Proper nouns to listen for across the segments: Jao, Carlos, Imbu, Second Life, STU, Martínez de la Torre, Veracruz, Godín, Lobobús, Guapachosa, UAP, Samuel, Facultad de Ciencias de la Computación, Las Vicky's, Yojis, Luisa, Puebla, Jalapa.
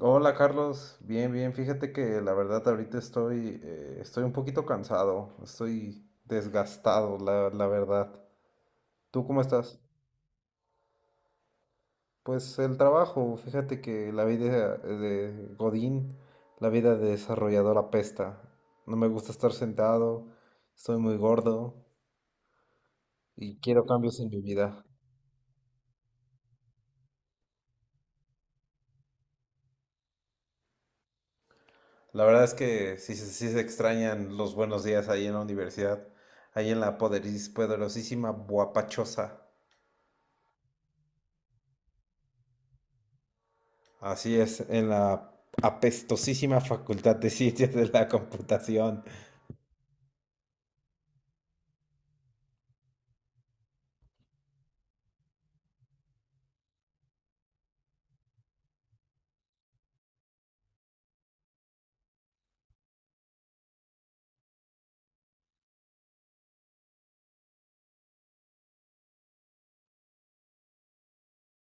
Hola Carlos, bien, bien. Fíjate que la verdad ahorita estoy un poquito cansado, estoy desgastado, la verdad. ¿Tú cómo estás? Pues el trabajo, fíjate que la vida de Godín, la vida de desarrollador apesta. No me gusta estar sentado, estoy muy gordo y quiero cambios en mi vida. La verdad es que sí, sí se extrañan los buenos días ahí en la universidad, ahí en la poderosísima Guapachosa. Así es, en la apestosísima Facultad de Ciencias de la Computación.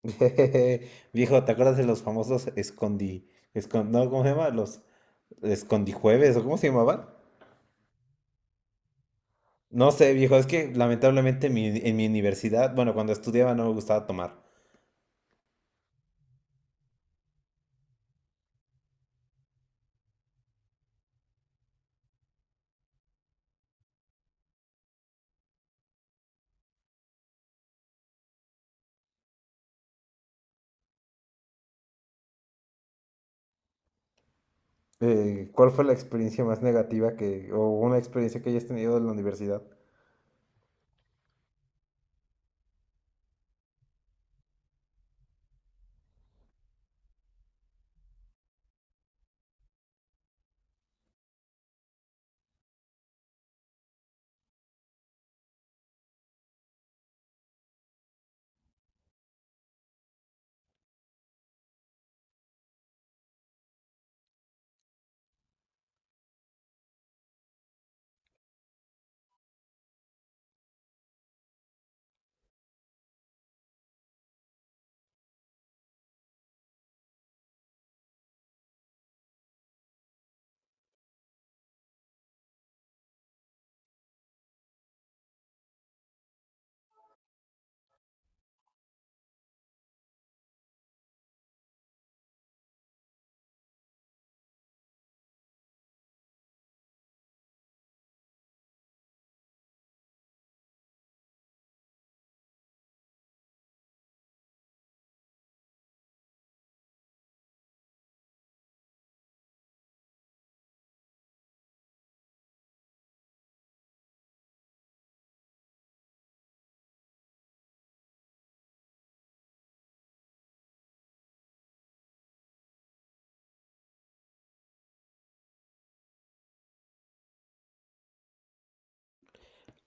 Viejo, ¿te acuerdas de los famosos escondi... escon- no, ¿cómo se llama? Los escondijueves, ¿o cómo se llamaban? No sé, viejo, es que lamentablemente en mi universidad, bueno, cuando estudiaba no me gustaba tomar. ¿Cuál fue la experiencia más negativa que, o una experiencia que hayas tenido de la universidad?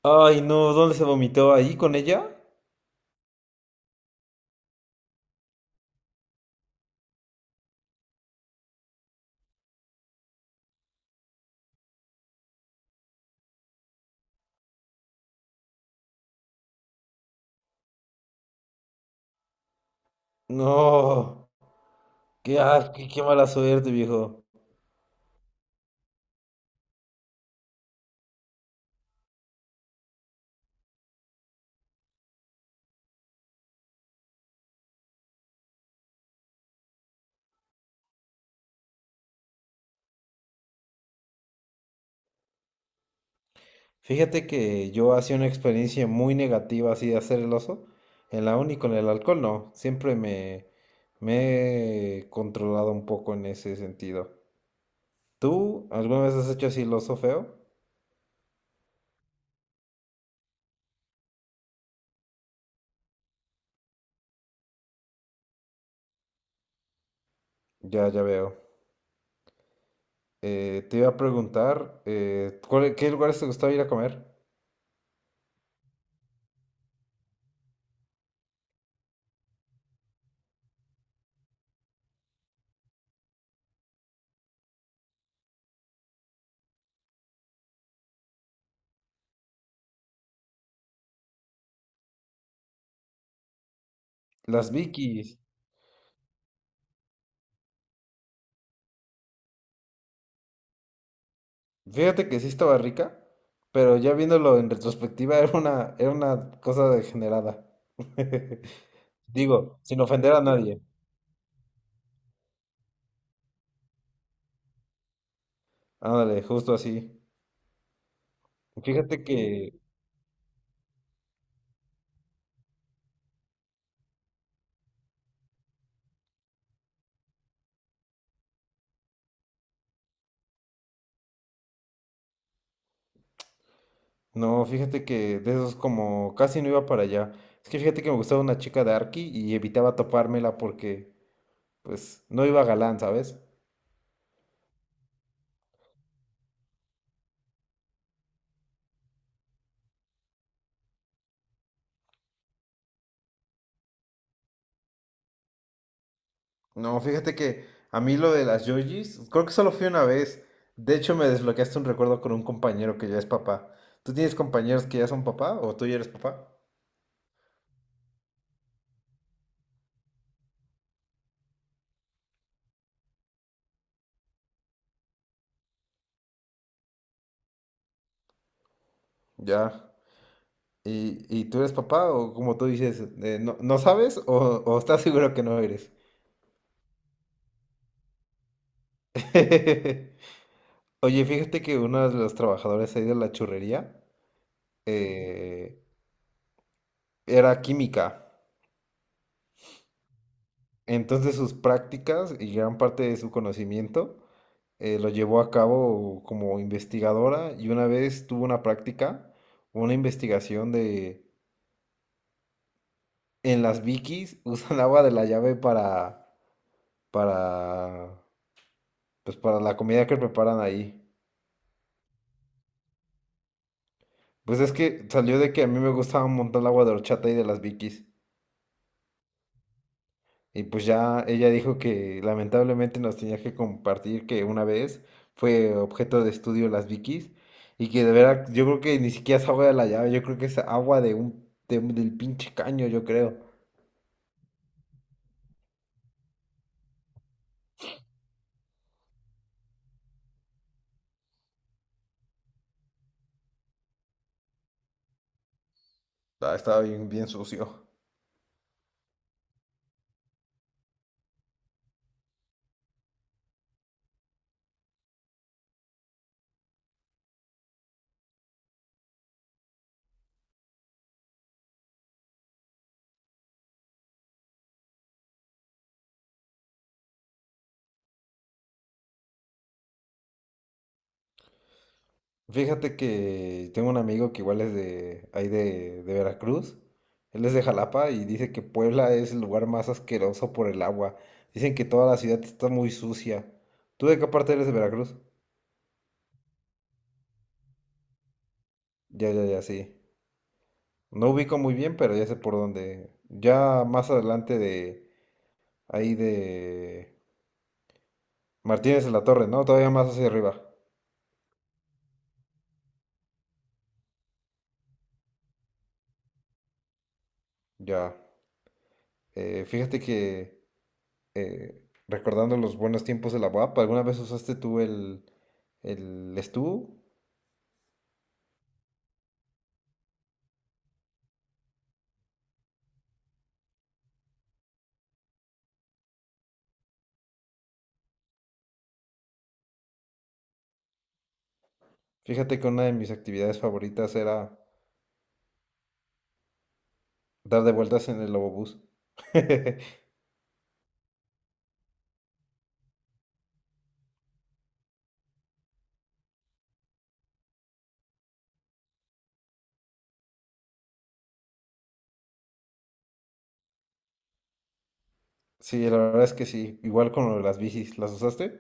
Ay, no, ¿dónde se vomitó? ¿Ahí con ella? No, qué, qué mala suerte, viejo. Fíjate que yo hacía una experiencia muy negativa así de hacer el oso. En la uni con el alcohol no. Siempre me he controlado un poco en ese sentido. ¿Tú alguna vez has hecho así el oso feo? Ya, ya veo. Te iba a preguntar, ¿qué lugares te gustaba ir a comer? Las Vicky's. Fíjate que sí estaba rica, pero ya viéndolo en retrospectiva era una cosa degenerada. Digo, sin ofender a nadie. Ándale, justo así. Fíjate que, no, fíjate que de esos como casi no iba para allá. Es que fíjate que me gustaba una chica de Arki y evitaba topármela porque, pues, no iba galán, ¿sabes? No, fíjate que a mí lo de las Yojis, creo que solo fui una vez. De hecho, me desbloqueaste un recuerdo con un compañero que ya es papá. ¿Tú tienes compañeros que ya son papá o tú ya eres papá? Ya. ¿Y, tú eres papá o como tú dices, no sabes o estás seguro que no eres? Oye, fíjate que uno de los trabajadores ahí de la churrería eh, era química. Entonces sus prácticas y gran parte de su conocimiento lo llevó a cabo como investigadora y una vez tuvo una práctica, una investigación de en las Vikis usan agua de la llave para pues para la comida que preparan ahí. Pues es que salió de que a mí me gustaba un montón el agua de horchata y de las Vikis. Y pues ya ella dijo que lamentablemente nos tenía que compartir que una vez fue objeto de estudio las Vikis y que de verdad yo creo que ni siquiera es agua de la llave, yo creo que es agua de un, del pinche caño, yo creo. Ah, estaba bien, bien sucio. Fíjate que tengo un amigo que igual es de ahí de Veracruz, él es de Jalapa y dice que Puebla es el lugar más asqueroso por el agua. Dicen que toda la ciudad está muy sucia. ¿Tú de qué parte eres de Veracruz? Ya, ya, ya, sí. No ubico muy bien, pero ya sé por dónde. Ya más adelante de ahí de Martínez de la Torre, ¿no? Todavía más hacia arriba. Ya. Fíjate que eh, recordando los buenos tiempos de la UAP, ¿alguna vez usaste tú el STU? Fíjate que una de mis actividades favoritas era dar de vueltas en el Lobobús. Sí, la verdad es que sí. Igual con lo de las bicis, ¿las usaste?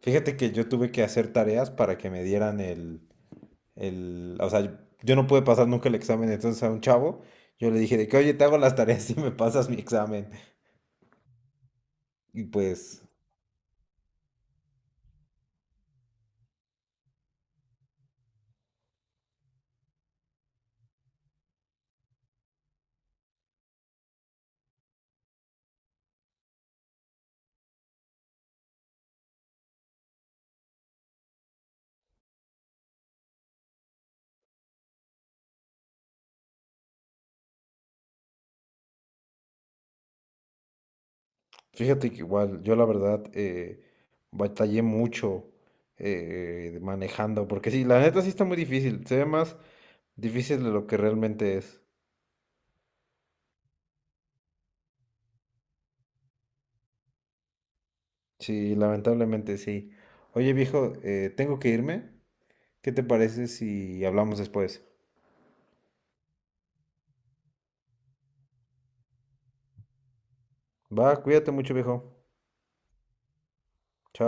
Fíjate que yo tuve que hacer tareas para que me dieran el, o sea, yo no pude pasar nunca el examen, entonces a un chavo yo le dije de que, oye, te hago las tareas y me pasas mi examen. Y pues, fíjate que igual, yo la verdad batallé mucho manejando, porque sí, la neta sí está muy difícil, se ve más difícil de lo que realmente es. Sí, lamentablemente sí. Oye, viejo, tengo que irme. ¿Qué te parece si hablamos después? Va, cuídate mucho, viejo. Chao.